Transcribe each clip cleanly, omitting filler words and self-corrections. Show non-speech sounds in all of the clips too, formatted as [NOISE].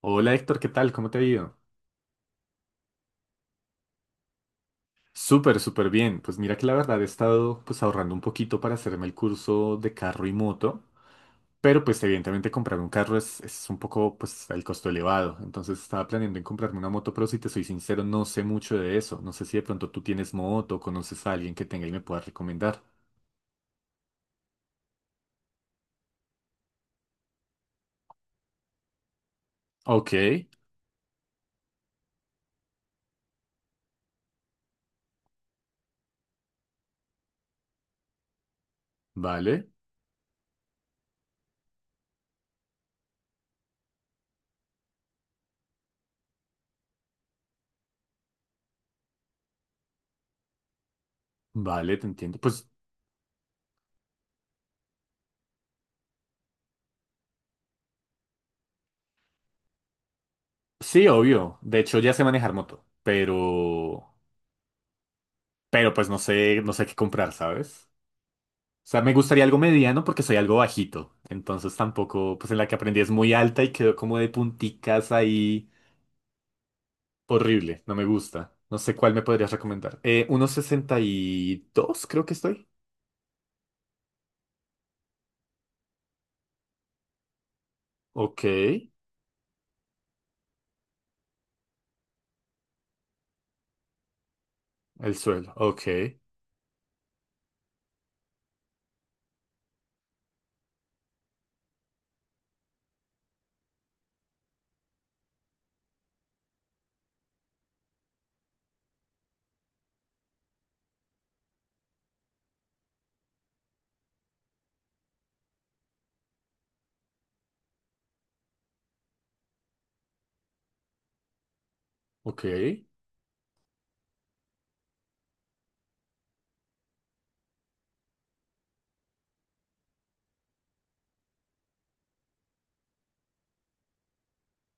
Hola Héctor, ¿qué tal? ¿Cómo te ha ido? Súper, súper bien. Pues mira que la verdad he estado pues ahorrando un poquito para hacerme el curso de carro y moto, pero pues evidentemente comprar un carro es un poco pues el costo elevado. Entonces estaba planeando en comprarme una moto, pero si te soy sincero no sé mucho de eso. No sé si de pronto tú tienes moto, o conoces a alguien que tenga y me pueda recomendar. Ok, vale, vale, te entiendo. Pues sí, obvio. De hecho ya sé manejar moto, pero... Pero pues no sé, no sé qué comprar, ¿sabes? O sea, me gustaría algo mediano porque soy algo bajito. Entonces tampoco, pues en la que aprendí es muy alta y quedó como de punticas ahí. Horrible, no me gusta. No sé cuál me podrías recomendar. 1,62 creo que estoy. Ok, el suelo. Ok, ok.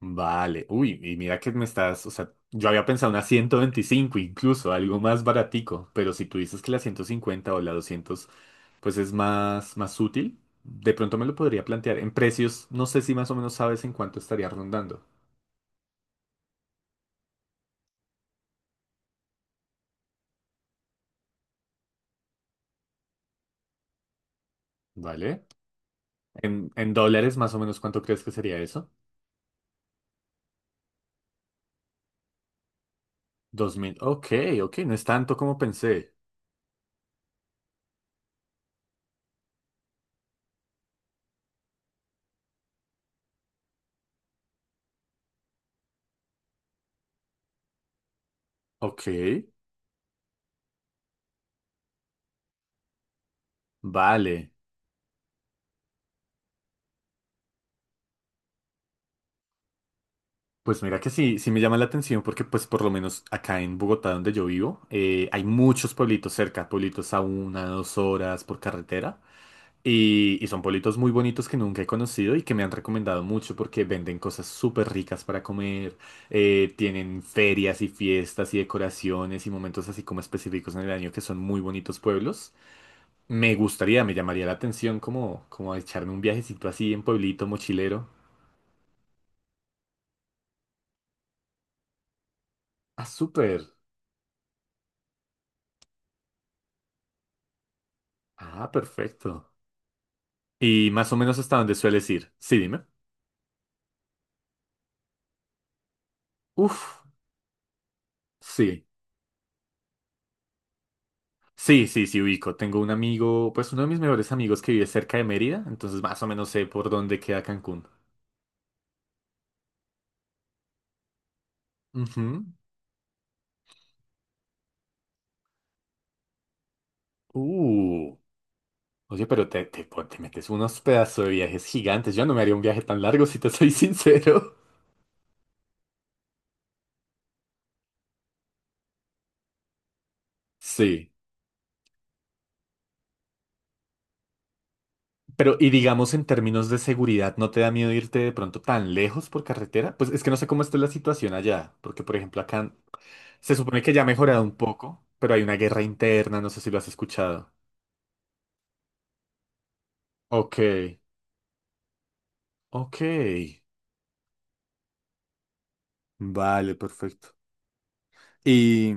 Vale, uy, y mira que me estás, o sea, yo había pensado una 125 incluso, algo más baratico, pero si tú dices que la 150 o la 200 pues es más, más útil, de pronto me lo podría plantear. En precios, no sé si más o menos sabes en cuánto estaría rondando, ¿vale? En dólares, más o menos, ¿cuánto crees que sería eso? 2000, ok. Ok, no es tanto como pensé. Ok, vale. Pues mira que sí, sí me llama la atención porque pues por lo menos acá en Bogotá donde yo vivo hay muchos pueblitos cerca, pueblitos a una, dos horas por carretera y son pueblitos muy bonitos que nunca he conocido y que me han recomendado mucho porque venden cosas súper ricas para comer, tienen ferias y fiestas y decoraciones y momentos así como específicos en el año que son muy bonitos pueblos. Me gustaría, me llamaría la atención como, como echarme un viajecito así en pueblito mochilero. Ah, súper. Ah, perfecto. Y más o menos hasta dónde sueles ir. Sí, dime. Uf, sí. Sí, sí, sí, ubico. Tengo un amigo, pues uno de mis mejores amigos que vive cerca de Mérida, entonces más o menos sé por dónde queda Cancún. Ujú. Uh. Oye, pero te metes unos pedazos de viajes gigantes. Yo no me haría un viaje tan largo, si te soy [LAUGHS] sincero. Sí. Pero, y digamos en términos de seguridad, ¿no te da miedo irte de pronto tan lejos por carretera? Pues es que no sé cómo está la situación allá, porque por ejemplo acá. Se supone que ya ha mejorado un poco, pero hay una guerra interna, no sé si lo has escuchado. Ok, ok. Vale, perfecto. Y,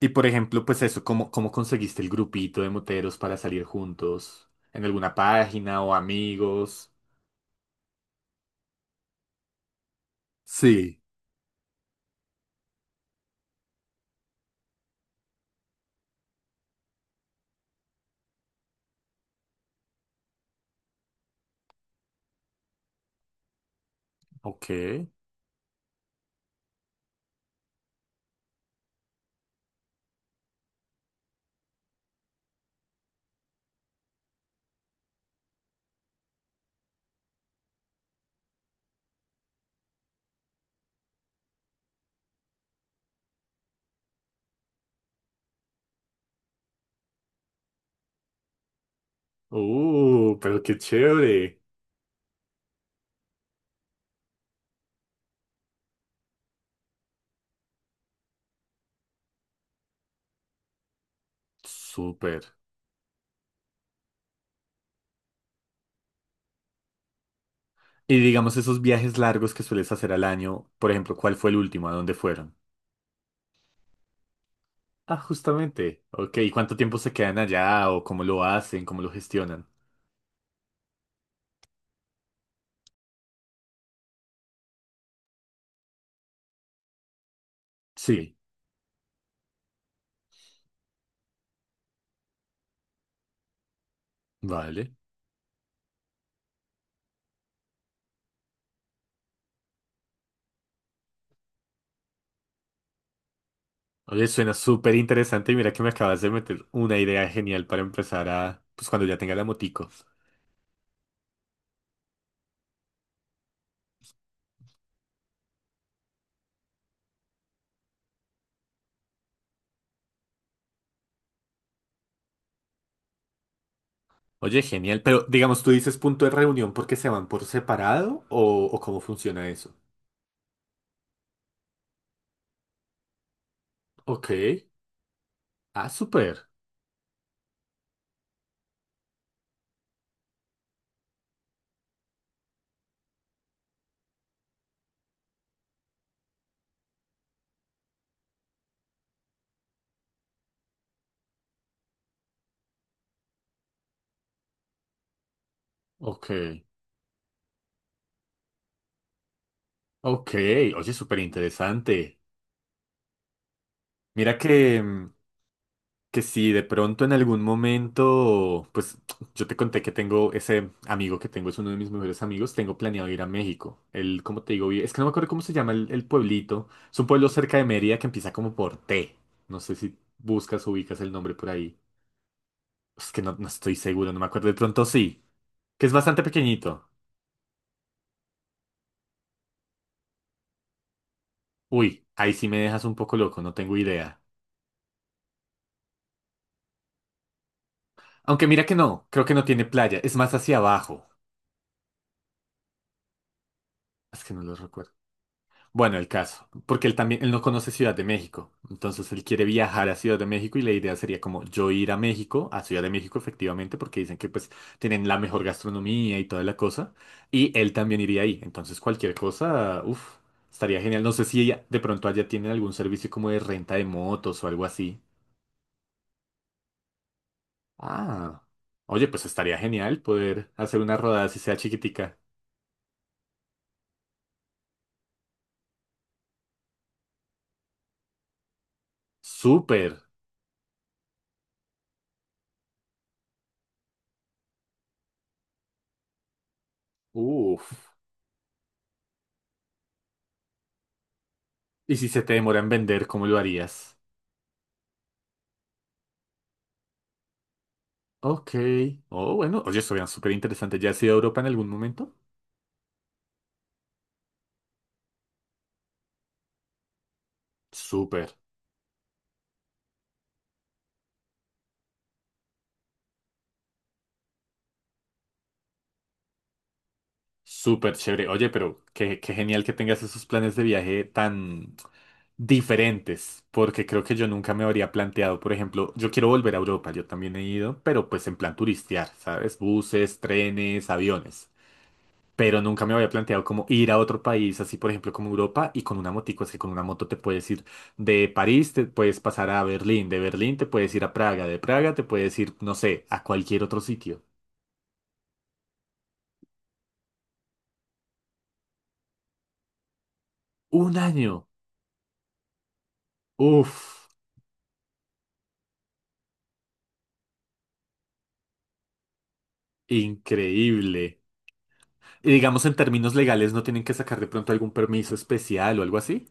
y por ejemplo, pues eso, ¿cómo conseguiste el grupito de moteros para salir juntos? ¿En alguna página o amigos? Sí. Ok. Pero qué chévere. Súper. Y digamos esos viajes largos que sueles hacer al año, por ejemplo, ¿cuál fue el último? ¿A dónde fueron? Ah, justamente. Ok, ¿y cuánto tiempo se quedan allá o cómo lo hacen, cómo lo gestionan? Sí, vale. Oye, suena súper interesante y mira que me acabas de meter una idea genial para empezar a, pues cuando ya tenga la motico. Oye, genial, pero digamos, tú dices punto de reunión porque se van por separado o cómo funciona eso. Ok. Ah, súper. Ok. Ok. Oye, súper interesante. Mira que, mm, que si de pronto en algún momento, pues yo te conté que tengo ese amigo que tengo, es uno de mis mejores amigos, tengo planeado ir a México. Él, como te digo, es que no me acuerdo cómo se llama el pueblito. Es un pueblo cerca de Mérida que empieza como por T. No sé si buscas o ubicas el nombre por ahí. Es que no, no estoy seguro, no me acuerdo. De pronto sí, que es bastante pequeñito. Uy, ahí sí me dejas un poco loco, no tengo idea. Aunque mira que no, creo que no tiene playa, es más hacia abajo. Es que no lo recuerdo. Bueno, el caso, porque él también, él no conoce Ciudad de México, entonces él quiere viajar a Ciudad de México y la idea sería como yo ir a México, a Ciudad de México efectivamente, porque dicen que pues tienen la mejor gastronomía y toda la cosa, y él también iría ahí, entonces cualquier cosa, uff, estaría genial, no sé si de pronto allá tienen algún servicio como de renta de motos o algo así. Ah, oye, pues estaría genial poder hacer una rodada si sea chiquitica. Súper, uff, y si se te demora en vender, ¿cómo lo harías? Ok. Oh, bueno. Oye, eso súper interesante. ¿Ya has ido a Europa en algún momento? Súper, súper chévere. Oye, pero qué, qué genial que tengas esos planes de viaje tan diferentes, porque creo que yo nunca me habría planteado, por ejemplo, yo quiero volver a Europa, yo también he ido, pero pues en plan turistear, ¿sabes? Buses, trenes, aviones. Pero nunca me había planteado como ir a otro país, así por ejemplo como Europa y con una motico, es que con una moto te puedes ir de París, te puedes pasar a Berlín, de Berlín te puedes ir a Praga, de Praga te puedes ir, no sé, a cualquier otro sitio. Un año, uff, increíble. Y digamos en términos legales no tienen que sacar de pronto algún permiso especial o algo así.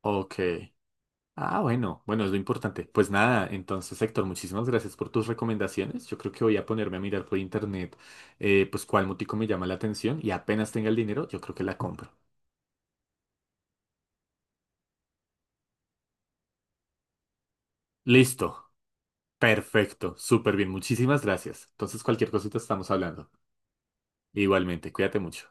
Ok. Ah, bueno, bueno, es lo importante. Pues nada, entonces Héctor, muchísimas gracias por tus recomendaciones. Yo creo que voy a ponerme a mirar por internet, pues cuál motico me llama la atención y apenas tenga el dinero, yo creo que la compro. Listo, perfecto, súper bien, muchísimas gracias. Entonces cualquier cosita estamos hablando. Igualmente, cuídate mucho.